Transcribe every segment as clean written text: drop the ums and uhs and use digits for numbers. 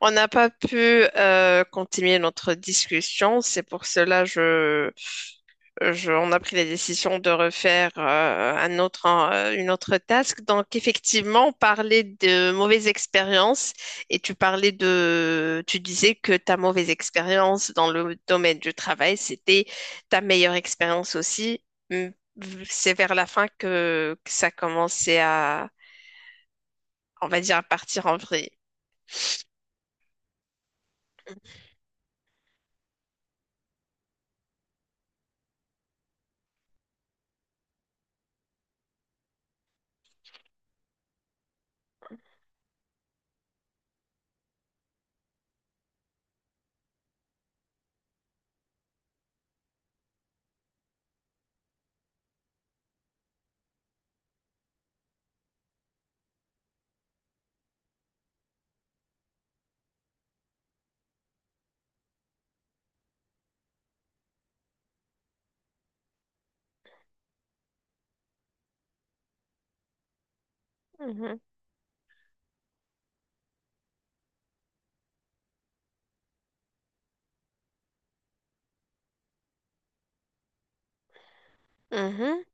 On n'a pas pu continuer notre discussion, c'est pour cela on a pris la décision de refaire un autre, une autre task. Donc effectivement, on parlait de mauvaises expériences et tu parlais de, tu disais que ta mauvaise expérience dans le domaine du travail, c'était ta meilleure expérience aussi. Mm, c'est vers la fin que ça commençait à, on va dire, à partir en vrille. Mhm. Mhm.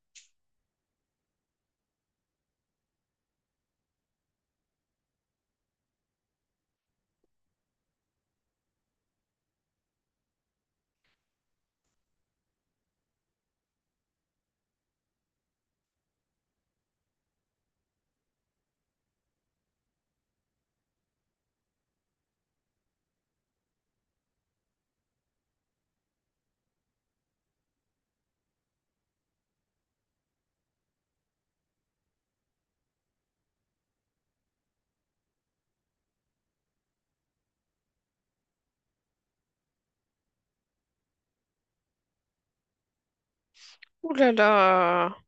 Ouh là là.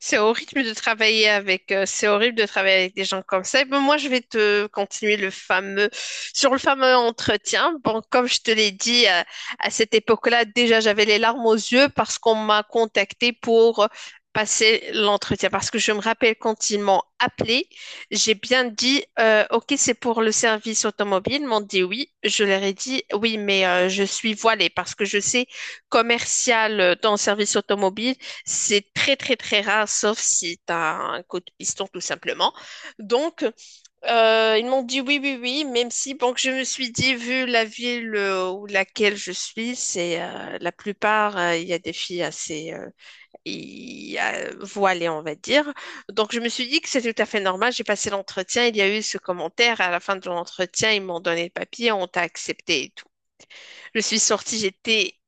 C'est au rythme de travailler avec, c'est horrible de travailler avec des gens comme ça. Et ben, moi, je vais te continuer le fameux, sur le fameux entretien. Bon, comme je te l'ai dit, à cette époque-là, déjà, j'avais les larmes aux yeux parce qu'on m'a contacté pour passer l'entretien. Parce que je me rappelle quand ils m'ont appelé, j'ai bien dit, OK, c'est pour le service automobile. Ils m'ont dit oui. Je leur ai dit oui, mais je suis voilée parce que je sais commercial dans le service automobile. C'est très très très rare, sauf si tu as un coup de piston tout simplement. Donc, ils m'ont dit oui, oui, oui, même si, bon, que je me suis dit, vu la ville où laquelle je suis, c'est la plupart, il y a des filles assez voilées, on va dire. Donc, je me suis dit que c'est tout à fait normal. J'ai passé l'entretien, il y a eu ce commentaire. À la fin de l'entretien, ils m'ont donné le papier, on t'a accepté et tout. Je suis sortie, j'étais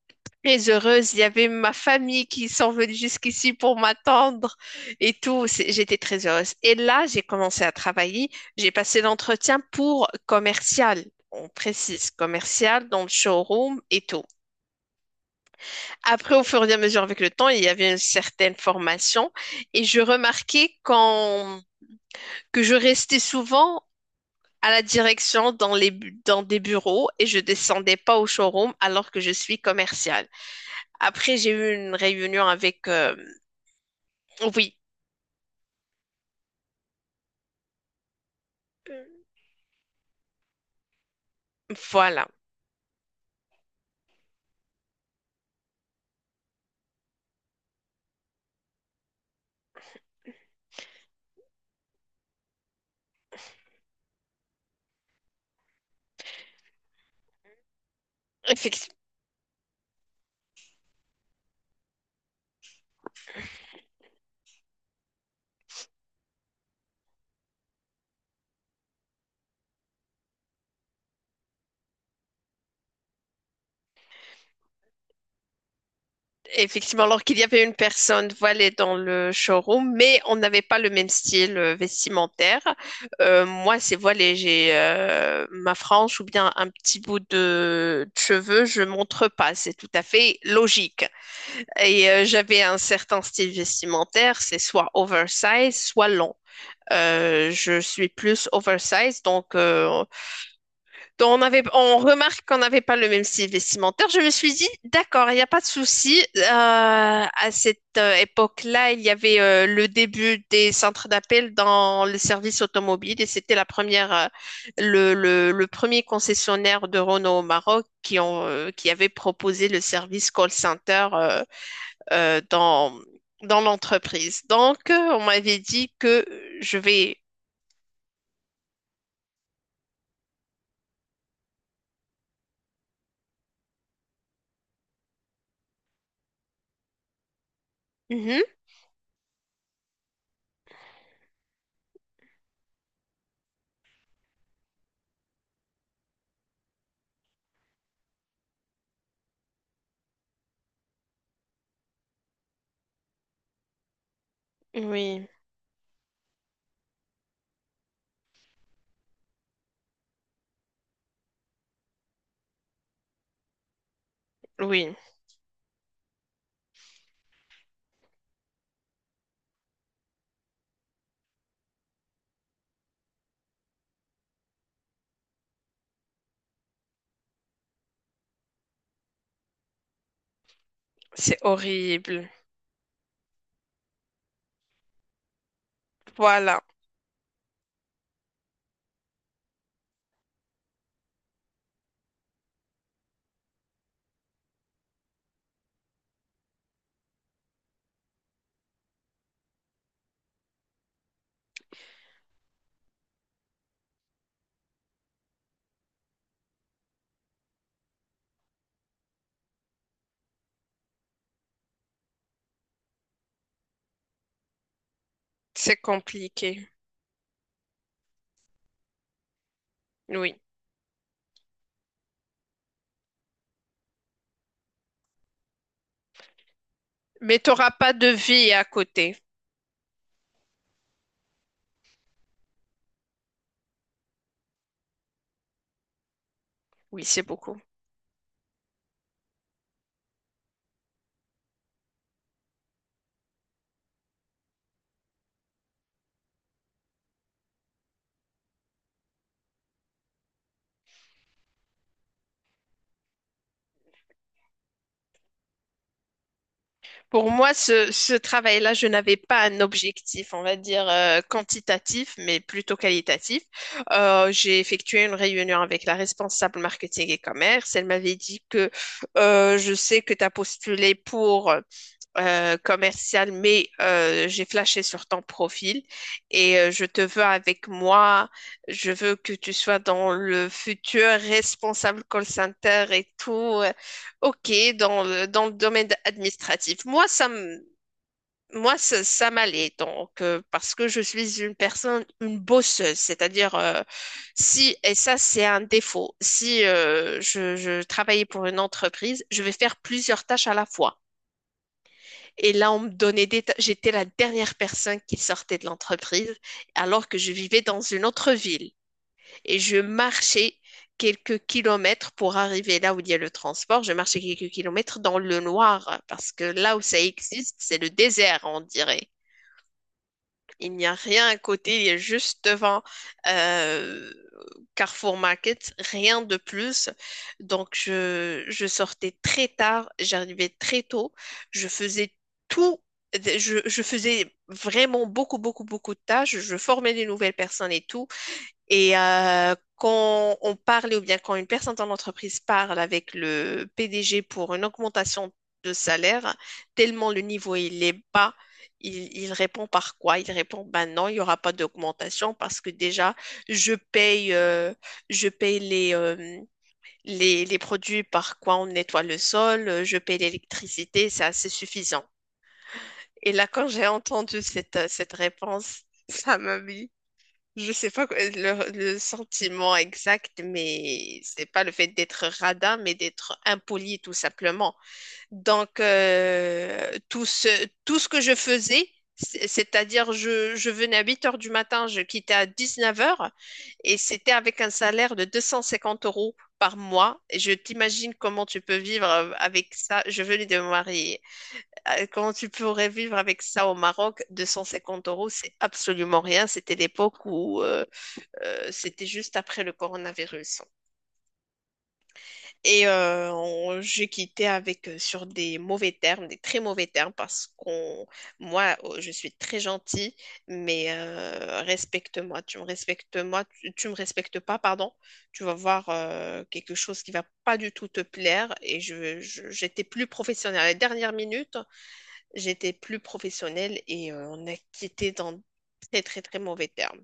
très heureuse. Il y avait ma famille qui sont venus jusqu'ici pour m'attendre et tout. C'est- J'étais très heureuse. Et là, j'ai commencé à travailler. J'ai passé l'entretien pour commercial. On précise commercial dans le showroom et tout. Après, au fur et à mesure avec le temps, il y avait une certaine formation et je remarquais quand que je restais souvent à la direction dans les dans des bureaux et je descendais pas au showroom alors que je suis commerciale. Après, j'ai eu une réunion avec oui, voilà. Effec- Effectivement, alors qu'il y avait une personne voilée dans le showroom, mais on n'avait pas le même style vestimentaire. Moi, c'est voilé, j'ai ma frange ou bien un petit bout de cheveux, je montre pas, c'est tout à fait logique. Et j'avais un certain style vestimentaire, c'est soit oversize, soit long. Je suis plus oversize, donc donc, on avait, on remarque qu'on n'avait pas le même style vestimentaire. Je me suis dit, d'accord, il n'y a pas de souci. À cette époque-là, il y avait le début des centres d'appel dans les services automobiles et c'était la première, le premier concessionnaire de Renault au Maroc qui, ont, qui avait proposé le service call center euh, dans, dans l'entreprise. Donc, on m'avait dit que je vais. Mhm. Oui, oui, c'est horrible. Voilà. C'est compliqué, oui. Mais tu n'auras pas de vie à côté. Oui, c'est beaucoup. Pour moi, ce travail-là, je n'avais pas un objectif, on va dire, quantitatif, mais plutôt qualitatif. J'ai effectué une réunion avec la responsable marketing et commerce. Elle m'avait dit que je sais que tu as postulé pour commercial, mais j'ai flashé sur ton profil et je te veux avec moi. Je veux que tu sois dans le futur responsable call center et tout. Ok, dans dans le domaine administratif. Moi, ça, ça m'allait donc parce que je suis une personne, une bosseuse, c'est-à-dire si et ça c'est un défaut. Si je travaillais pour une entreprise, je vais faire plusieurs tâches à la fois. Et là, on me donnait des... ta- J'étais la dernière personne qui sortait de l'entreprise alors que je vivais dans une autre ville. Et je marchais quelques kilomètres pour arriver là où il y a le transport. Je marchais quelques kilomètres dans le noir parce que là où ça existe, c'est le désert, on dirait. Il n'y a rien à côté, il est juste devant euh, Carrefour Market, rien de plus. Donc, je sortais très tard, j'arrivais très tôt, je faisais tout, je faisais vraiment beaucoup, beaucoup, beaucoup de tâches, je formais des nouvelles personnes et tout. Et quand on parle ou bien quand une personne dans l'entreprise parle avec le PDG pour une augmentation de salaire, tellement le niveau il est bas, il répond par quoi? Il répond, ben non, il n'y aura pas d'augmentation parce que déjà, je paye, euh, je paye les, les produits par quoi on nettoie le sol, je paye l'électricité, c'est assez suffisant. Et là, quand j'ai entendu cette réponse, ça m'a mis je sais pas quoi- le sentiment exact, mais c'est pas le fait d'être radin, mais d'être impoli tout simplement. Donc tout ce que je faisais, c'est- c'est-à-dire je venais à 8 heures du matin, je quittais à 19 heures, et c'était avec un salaire de 250 euros par mois. Et je t'imagine comment tu peux vivre avec ça. Je venais de me marier. Comment tu pourrais vivre avec ça au Maroc? 250 euros, c'est absolument rien. C'était l'époque où c'était juste après le coronavirus. Et j'ai quitté avec sur des mauvais termes, des très mauvais termes, parce qu'on, moi, je suis très gentille, mais respecte-moi, tu me respectes moi, tu me respectes pas, pardon. Tu vas voir quelque chose qui va pas du tout te plaire. Et j'étais plus professionnelle. À la dernière minute, j'étais plus professionnelle et on a quitté dans très très très mauvais termes.